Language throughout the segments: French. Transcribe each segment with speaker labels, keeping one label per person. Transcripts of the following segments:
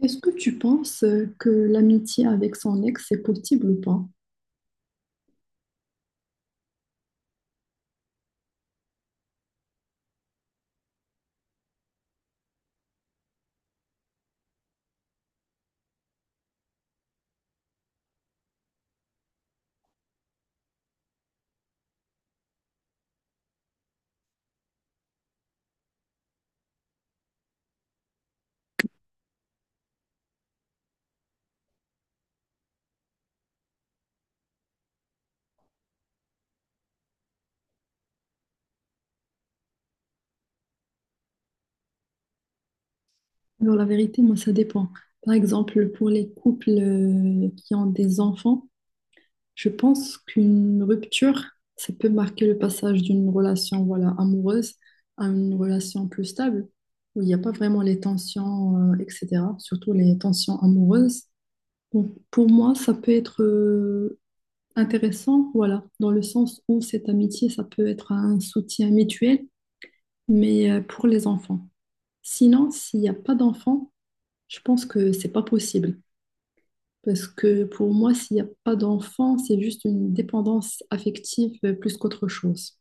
Speaker 1: Est-ce que tu penses que l'amitié avec son ex, c'est possible ou pas? Alors la vérité, moi, ça dépend. Par exemple, pour les couples qui ont des enfants, je pense qu'une rupture, ça peut marquer le passage d'une relation voilà, amoureuse à une relation plus stable, où il n'y a pas vraiment les tensions, etc., surtout les tensions amoureuses. Donc, pour moi, ça peut être intéressant, voilà, dans le sens où cette amitié, ça peut être un soutien mutuel mais pour les enfants. Sinon, s'il n'y a pas d'enfants, je pense que c'est pas possible. Parce que pour moi, s'il n'y a pas d'enfants, c'est juste une dépendance affective plus qu'autre chose.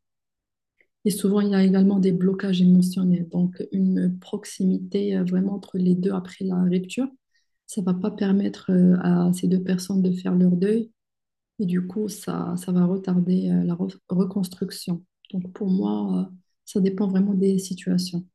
Speaker 1: Et souvent, il y a également des blocages émotionnels. Donc, une proximité vraiment entre les deux après la rupture, ça va pas permettre à ces deux personnes de faire leur deuil. Et du coup, ça va retarder la reconstruction. Donc, pour moi, ça dépend vraiment des situations.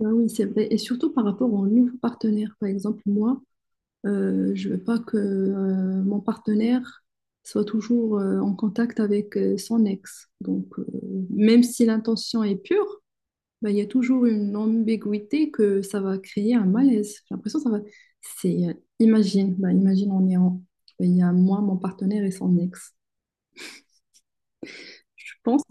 Speaker 1: Ah oui, c'est vrai. Et surtout par rapport aux nouveaux partenaires. Par exemple, moi, je veux pas que mon partenaire soit toujours en contact avec son ex. Donc, même si l'intention est pure, bah, il y a toujours une ambiguïté que ça va créer un malaise. J'ai l'impression que ça va... C'est... imagine, bah, imagine, on est en... Il y a moi, mon partenaire et son ex. Je pense.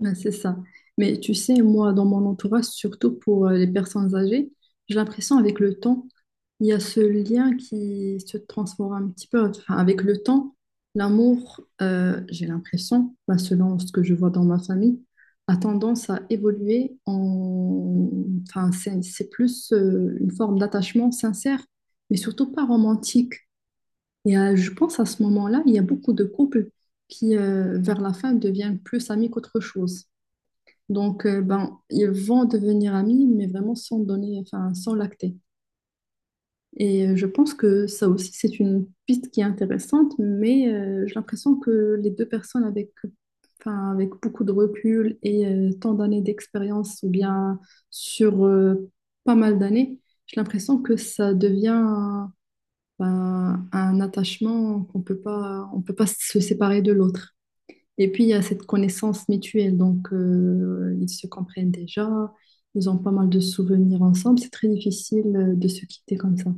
Speaker 1: Ouais, c'est ça. Mais tu sais, moi, dans mon entourage, surtout pour les personnes âgées, j'ai l'impression avec le temps, il y a ce lien qui se transforme un petit peu. Enfin, avec le temps, l'amour, j'ai l'impression, bah, selon ce que je vois dans ma famille, a tendance à évoluer en... Enfin, c'est plus une forme d'attachement sincère, mais surtout pas romantique. Et je pense à ce moment-là, il y a beaucoup de couples qui, vers la fin, deviennent plus amis qu'autre chose. Donc, ben, ils vont devenir amis, mais vraiment sans donner, enfin, sans lacter. Et je pense que ça aussi, c'est une piste qui est intéressante, mais j'ai l'impression que les deux personnes avec, enfin, avec beaucoup de recul et tant d'années d'expérience, ou bien sur pas mal d'années, j'ai l'impression que ça devient ben, un attachement qu'on peut pas se séparer de l'autre. Et puis, il y a cette connaissance mutuelle. Donc, ils se comprennent déjà. Ils ont pas mal de souvenirs ensemble. C'est très difficile de se quitter comme ça.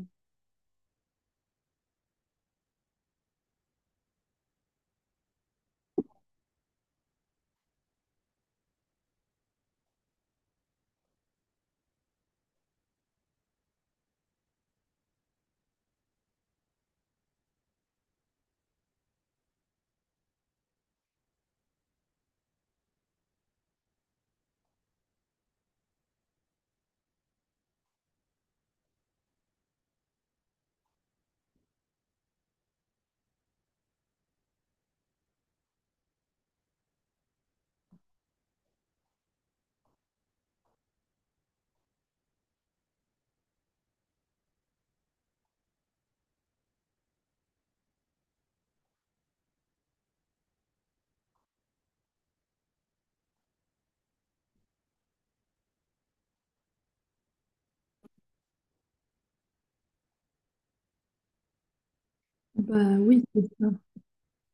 Speaker 1: Bah oui, c'est ça.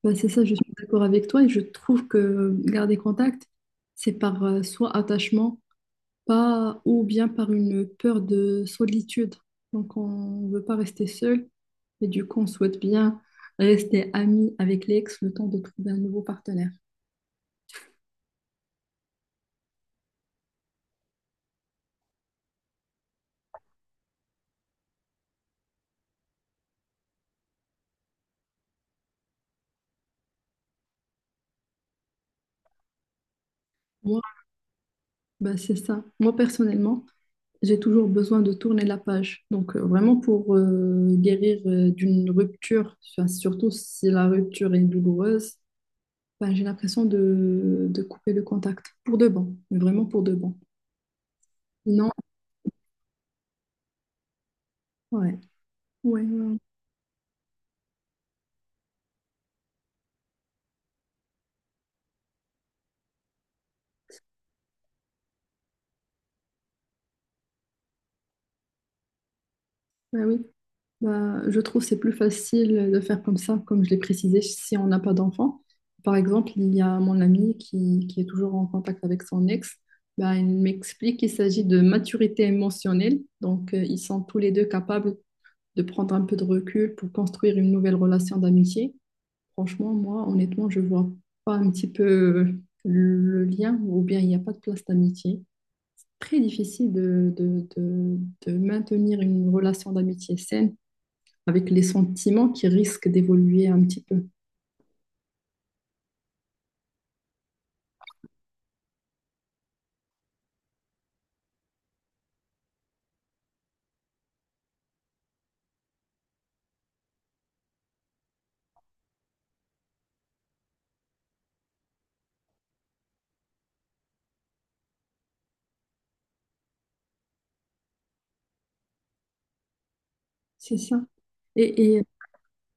Speaker 1: Bah, c'est ça, je suis d'accord avec toi. Et je trouve que garder contact, c'est par soit attachement, pas, ou bien par une peur de solitude. Donc, on ne veut pas rester seul. Et du coup, on souhaite bien rester ami avec l'ex le temps de trouver un nouveau partenaire. Moi, bah, c'est ça. Moi, personnellement, j'ai toujours besoin de tourner la page. Donc, vraiment pour guérir d'une rupture, enfin, surtout si la rupture est douloureuse, ben, j'ai l'impression de couper le contact pour de bon, mais vraiment pour de bon. Sinon, ouais, ouais, ouais, ouais, oui. Bah, je trouve que c'est plus facile de faire comme ça, comme je l'ai précisé, si on n'a pas d'enfant. Par exemple, il y a mon ami qui est toujours en contact avec son ex. Bah, il m'explique qu'il s'agit de maturité émotionnelle. Donc, ils sont tous les deux capables de prendre un peu de recul pour construire une nouvelle relation d'amitié. Franchement, moi, honnêtement, je vois pas un petit peu le lien ou bien il n'y a pas de place d'amitié. Très difficile de maintenir une relation d'amitié saine avec les sentiments qui risquent d'évoluer un petit peu. C'est ça. Et, et,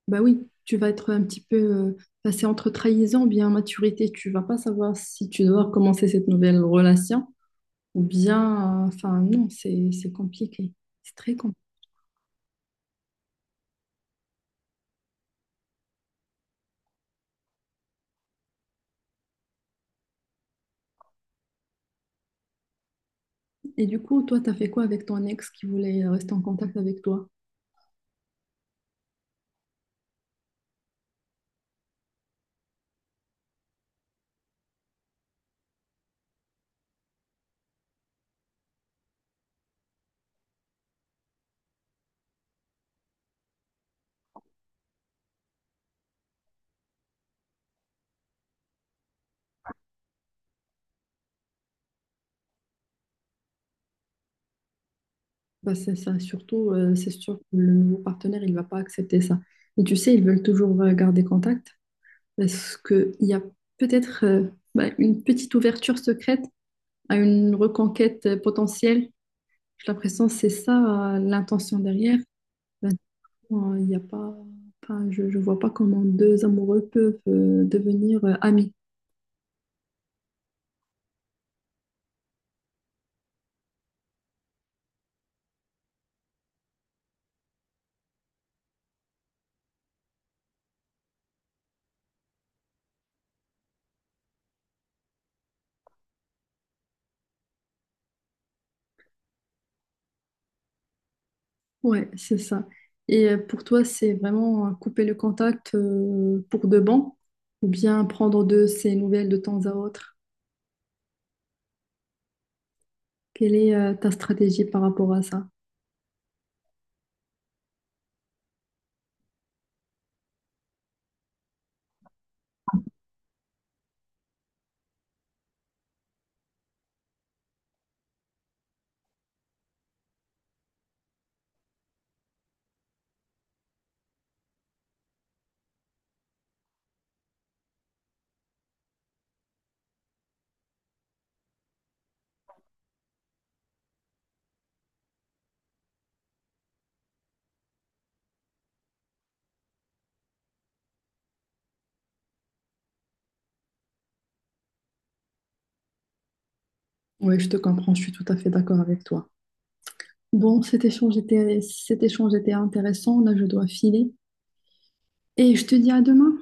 Speaker 1: bah oui, tu vas être un petit peu passé entre trahison, bien maturité. Tu vas pas savoir si tu dois commencer cette nouvelle relation ou bien, enfin, non, c'est compliqué. C'est très compliqué. Et du coup, toi, t'as fait quoi avec ton ex qui voulait rester en contact avec toi? Bah, c'est ça, surtout, c'est sûr que le nouveau partenaire, il va pas accepter ça. Et tu sais, ils veulent toujours garder contact parce qu'il y a peut-être bah, une petite ouverture secrète à une reconquête potentielle. J'ai l'impression que c'est ça, l'intention derrière. Maintenant, il y a pas, enfin, je vois pas comment deux amoureux peuvent devenir amis. Ouais, c'est ça. Et pour toi, c'est vraiment couper le contact pour de bon ou bien prendre de ces nouvelles de temps à autre? Quelle est ta stratégie par rapport à ça? Oui, je te comprends, je suis tout à fait d'accord avec toi. Bon, cet échange était intéressant. Là, je dois filer. Et je te dis à demain.